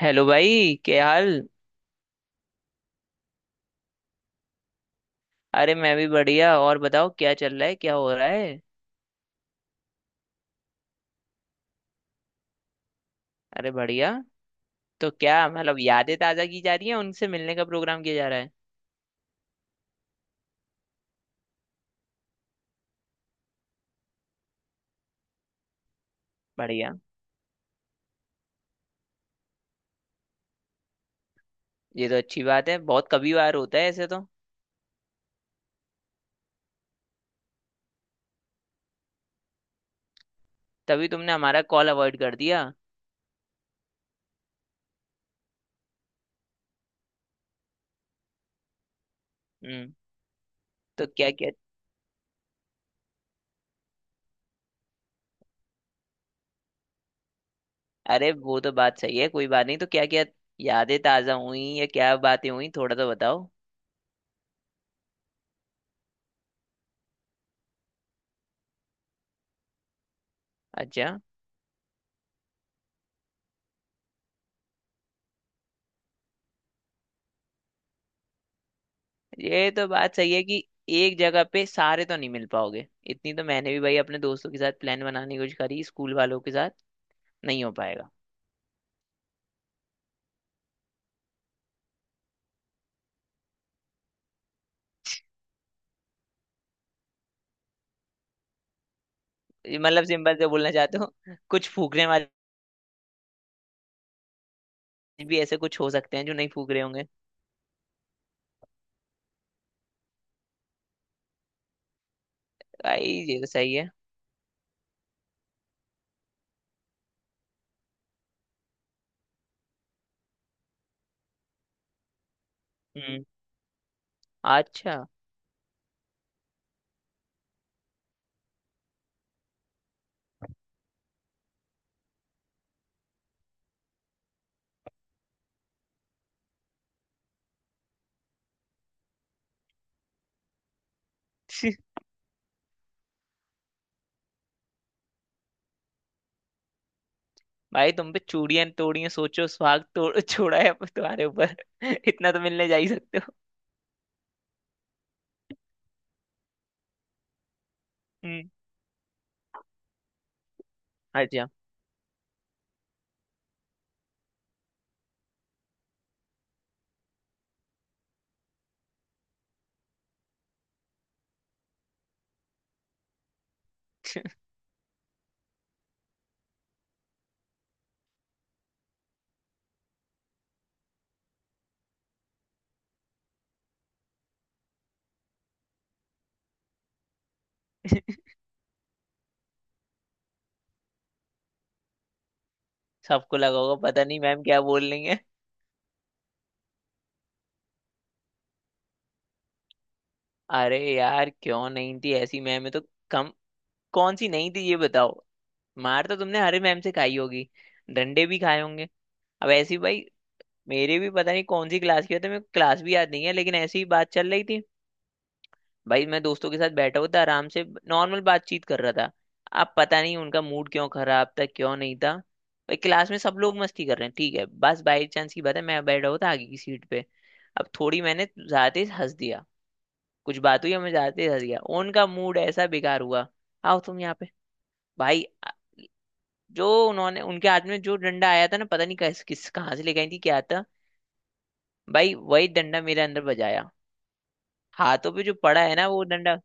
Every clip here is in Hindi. हेलो भाई, क्या हाल। अरे मैं भी बढ़िया। और बताओ क्या चल रहा है, क्या हो रहा है। अरे बढ़िया। तो क्या मतलब यादें ताज़ा की जा रही है, उनसे मिलने का प्रोग्राम किया जा रहा है। बढ़िया। ये तो अच्छी बात है, बहुत कभी बार होता है ऐसे तो। तभी तुमने हमारा कॉल अवॉइड कर दिया। हम्म। तो क्या क्या। अरे वो तो बात सही है, कोई बात नहीं। तो क्या क्या यादें ताज़ा हुई या क्या बातें हुई, थोड़ा तो बताओ। अच्छा। ये तो बात सही है कि एक जगह पे सारे तो नहीं मिल पाओगे। इतनी तो मैंने भी भाई अपने दोस्तों के साथ प्लान बनाने की कोशिश करी, स्कूल वालों के साथ। नहीं हो पाएगा। ये मतलब सिंपल से बोलना चाहते हो, कुछ फूकने वाले भी ऐसे कुछ हो सकते हैं जो नहीं फूक रहे होंगे। भाई ये तो सही है। हम्म। अच्छा। भाई तुम पे चूड़ियां तोड़ियां, सोचो सुहाग तोड़ छोड़ा है अब तुम्हारे ऊपर। इतना तो मिलने जा ही सकते हो। हम्म। अच्छा। सबको लगा होगा पता नहीं मैम क्या बोल रही है। अरे यार क्यों नहीं थी ऐसी मैम, है तो कम। कौन सी नहीं थी ये बताओ। मार तो तुमने हरे मैम से खाई होगी, डंडे भी खाए होंगे। अब ऐसी भाई, मेरे भी पता नहीं कौन सी क्लास की होती है, मेरे को क्लास भी याद नहीं है, लेकिन ऐसी ही बात चल रही थी। भाई मैं दोस्तों के साथ बैठा हुआ था आराम से, नॉर्मल बातचीत कर रहा था। अब पता नहीं उनका मूड क्यों खराब था, क्यों नहीं था। भाई क्लास में सब लोग मस्ती कर रहे हैं, ठीक है, बस बाई चांस की बात है, मैं बैठा हुआ था आगे की सीट पे। अब थोड़ी मैंने ज्यादा तेज हंस दिया, कुछ बात हुई, मैं ज्यादा तेज हंस गया, उनका मूड ऐसा बेकार हुआ। आओ तुम यहाँ पे। भाई जो उन्होंने उनके हाथ में जो डंडा आया था ना, पता नहीं किस किस कहाँ से ले गई थी क्या था, भाई वही डंडा मेरे अंदर बजाया। हाथों पे जो पड़ा है ना वो डंडा।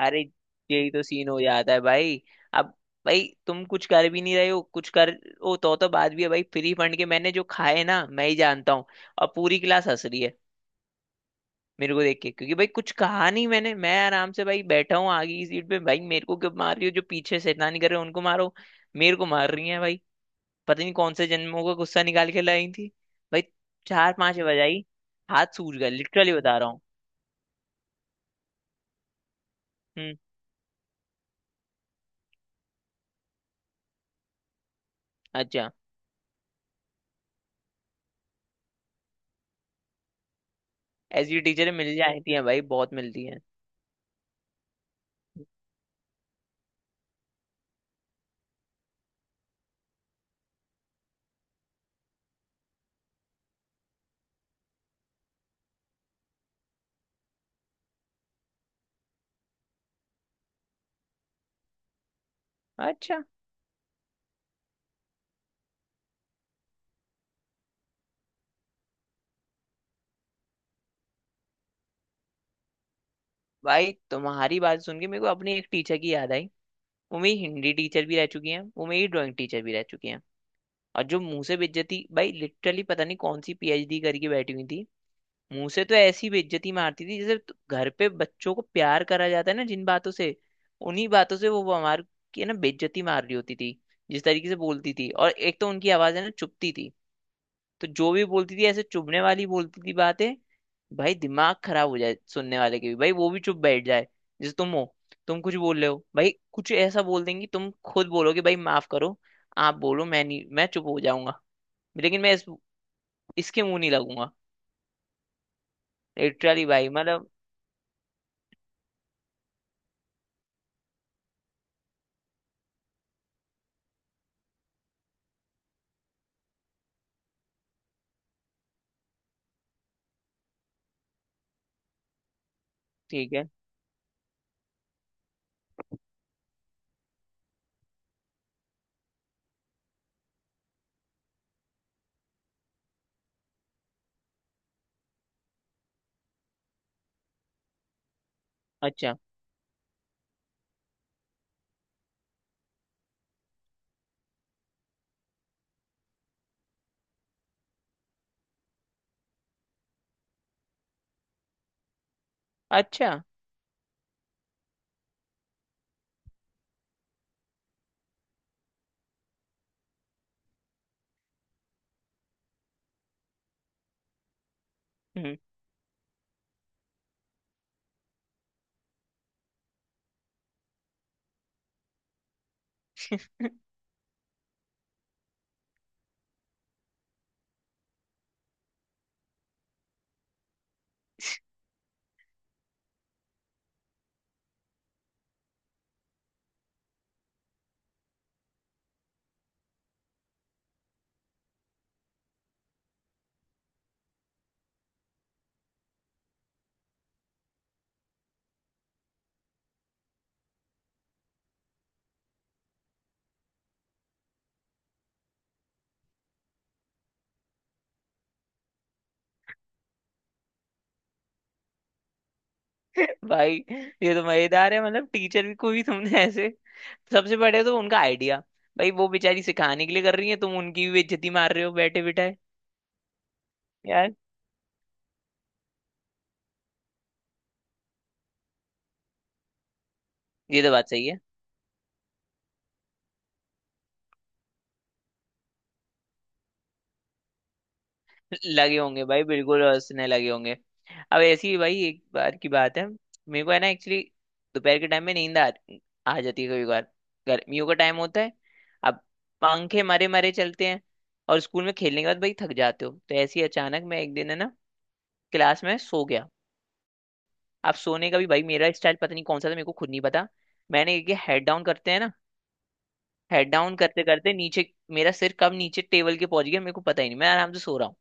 अरे यही तो सीन हो जाता है भाई। अब भाई तुम कुछ कर भी नहीं रहे हो, कुछ कर। ओ तो बात भी है भाई, फ्री फंड के मैंने जो खाए ना मैं ही जानता हूँ। और पूरी क्लास हंस रही है मेरे को देख के, क्योंकि भाई कुछ कहा नहीं मैंने, मैं आराम से भाई बैठा हूँ आगे की सीट पे। भाई मेरे को क्यों मार रही हो, जो पीछे शैतानी कर रहे हो उनको मारो। मेरे को मार रही है भाई, पता नहीं कौन से जन्मों का गुस्सा निकाल के लाई थी। भाई चार पांच बजाई, हाथ सूज गए, लिटरली बता रहा हूँ। हम्म। अच्छा। ऐसी टीचरें मिल जाती हैं भाई, बहुत मिलती हैं। अच्छा भाई, तुम्हारी बात सुन के मेरे को अपनी एक टीचर की याद आई। वो मेरी हिंदी टीचर भी रह चुकी हैं, वो मेरी ड्राइंग टीचर भी रह चुकी हैं। और जो मुंह से बेइज्जती, भाई लिटरली पता नहीं कौन सी पीएचडी करके बैठी हुई थी। मुंह से तो ऐसी बेइज्जती मारती थी जैसे तु- घर पे बच्चों को प्यार करा जाता है ना जिन बातों से, उन्हीं बातों से वो हमारे की ना बेइज्जती मार रही होती थी। जिस तरीके से बोलती थी, और एक तो उनकी आवाज है ना, चुभती थी, तो जो भी बोलती थी ऐसे चुभने वाली बोलती थी बातें। भाई दिमाग खराब हो जाए सुनने वाले के भी, भाई वो भी चुप बैठ जाए। जैसे तुम हो, तुम कुछ बोल रहे हो, भाई कुछ ऐसा बोल देंगी तुम खुद बोलोगे भाई माफ करो, आप बोलो, मैं नहीं, मैं चुप हो जाऊंगा, लेकिन मैं इसके मुंह नहीं लगूंगा। लिटरली भाई मतलब। ठीक है। अच्छा। अच्छा। हम्म। भाई ये तो मजेदार है, मतलब टीचर भी को भी तुमने ऐसे, सबसे बड़े तो उनका आइडिया। भाई वो बेचारी सिखाने के लिए कर रही है, तुम उनकी भी बेइज्जती मार रहे हो बैठे बिठाए यार। ये तो बात सही है। लगे होंगे भाई, बिल्कुल हंसने लगे होंगे। अब ऐसी ही भाई एक बार की बात है, मेरे को है ना, एक्चुअली दोपहर के टाइम में आ जाती है कभी कभार, गर्मियों का टाइम होता है। अब पंखे मरे मरे चलते हैं, और स्कूल में खेलने के बाद भाई थक जाते हो, तो ऐसे ही अचानक मैं एक दिन है ना, क्लास में सो गया। अब सोने का भी भाई मेरा स्टाइल पता नहीं कौन सा था, मेरे को खुद नहीं पता। मैंने ये हेड डाउन करते हैं ना, हेड डाउन करते करते नीचे, मेरा सिर कब नीचे टेबल के पहुंच गया मेरे को पता ही नहीं, मैं आराम से सो रहा हूँ।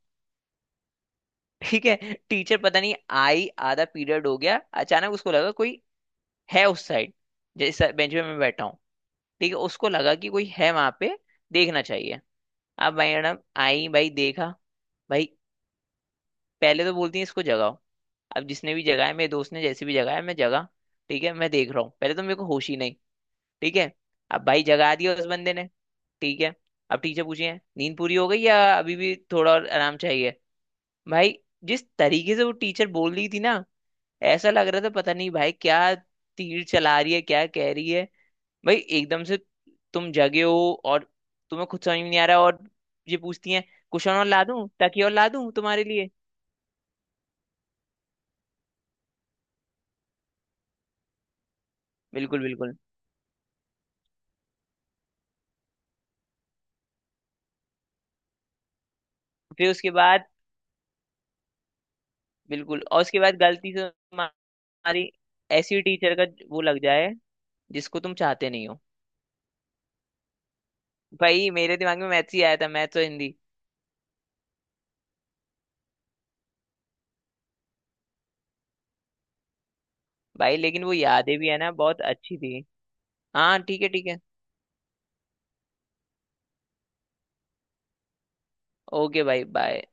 ठीक है। टीचर पता नहीं आई, आधा पीरियड हो गया। अचानक उसको लगा कोई है उस साइड, जिस बेंच पे मैं बैठा हूँ। ठीक है, उसको लगा कि कोई है वहां पे, देखना चाहिए। अब भाई मैडम आई, भाई देखा। भाई पहले तो बोलती है इसको जगाओ। अब जिसने भी जगाया, मेरे दोस्त ने जैसे भी जगाया, मैं जगा। ठीक है, मैं देख रहा हूँ, पहले तो मेरे को होश ही नहीं। ठीक है। अब भाई जगा दिया उस बंदे ने। ठीक है, अब टीचर पूछे, नींद पूरी हो गई या अभी भी थोड़ा और आराम चाहिए। भाई जिस तरीके से वो टीचर बोल रही थी ना, ऐसा लग रहा था पता नहीं भाई क्या तीर चला रही है, क्या कह रही है। भाई एकदम से तुम जगे हो, और तुम्हें खुद समझ में नहीं आ रहा, और ये पूछती हैं कुशन और ला दूं, तकिया और ला दूं तुम्हारे लिए। बिल्कुल बिल्कुल। फिर उसके बाद, बिल्कुल, और उसके बाद गलती से तुम्हारी ऐसी टीचर का वो लग जाए जिसको तुम चाहते नहीं हो। भाई मेरे दिमाग में मैथ्स ही आया था, मैथ्स और हिंदी। भाई लेकिन वो यादें भी है ना, बहुत अच्छी थी। हाँ ठीक है, ठीक है। ओके भाई, बाय।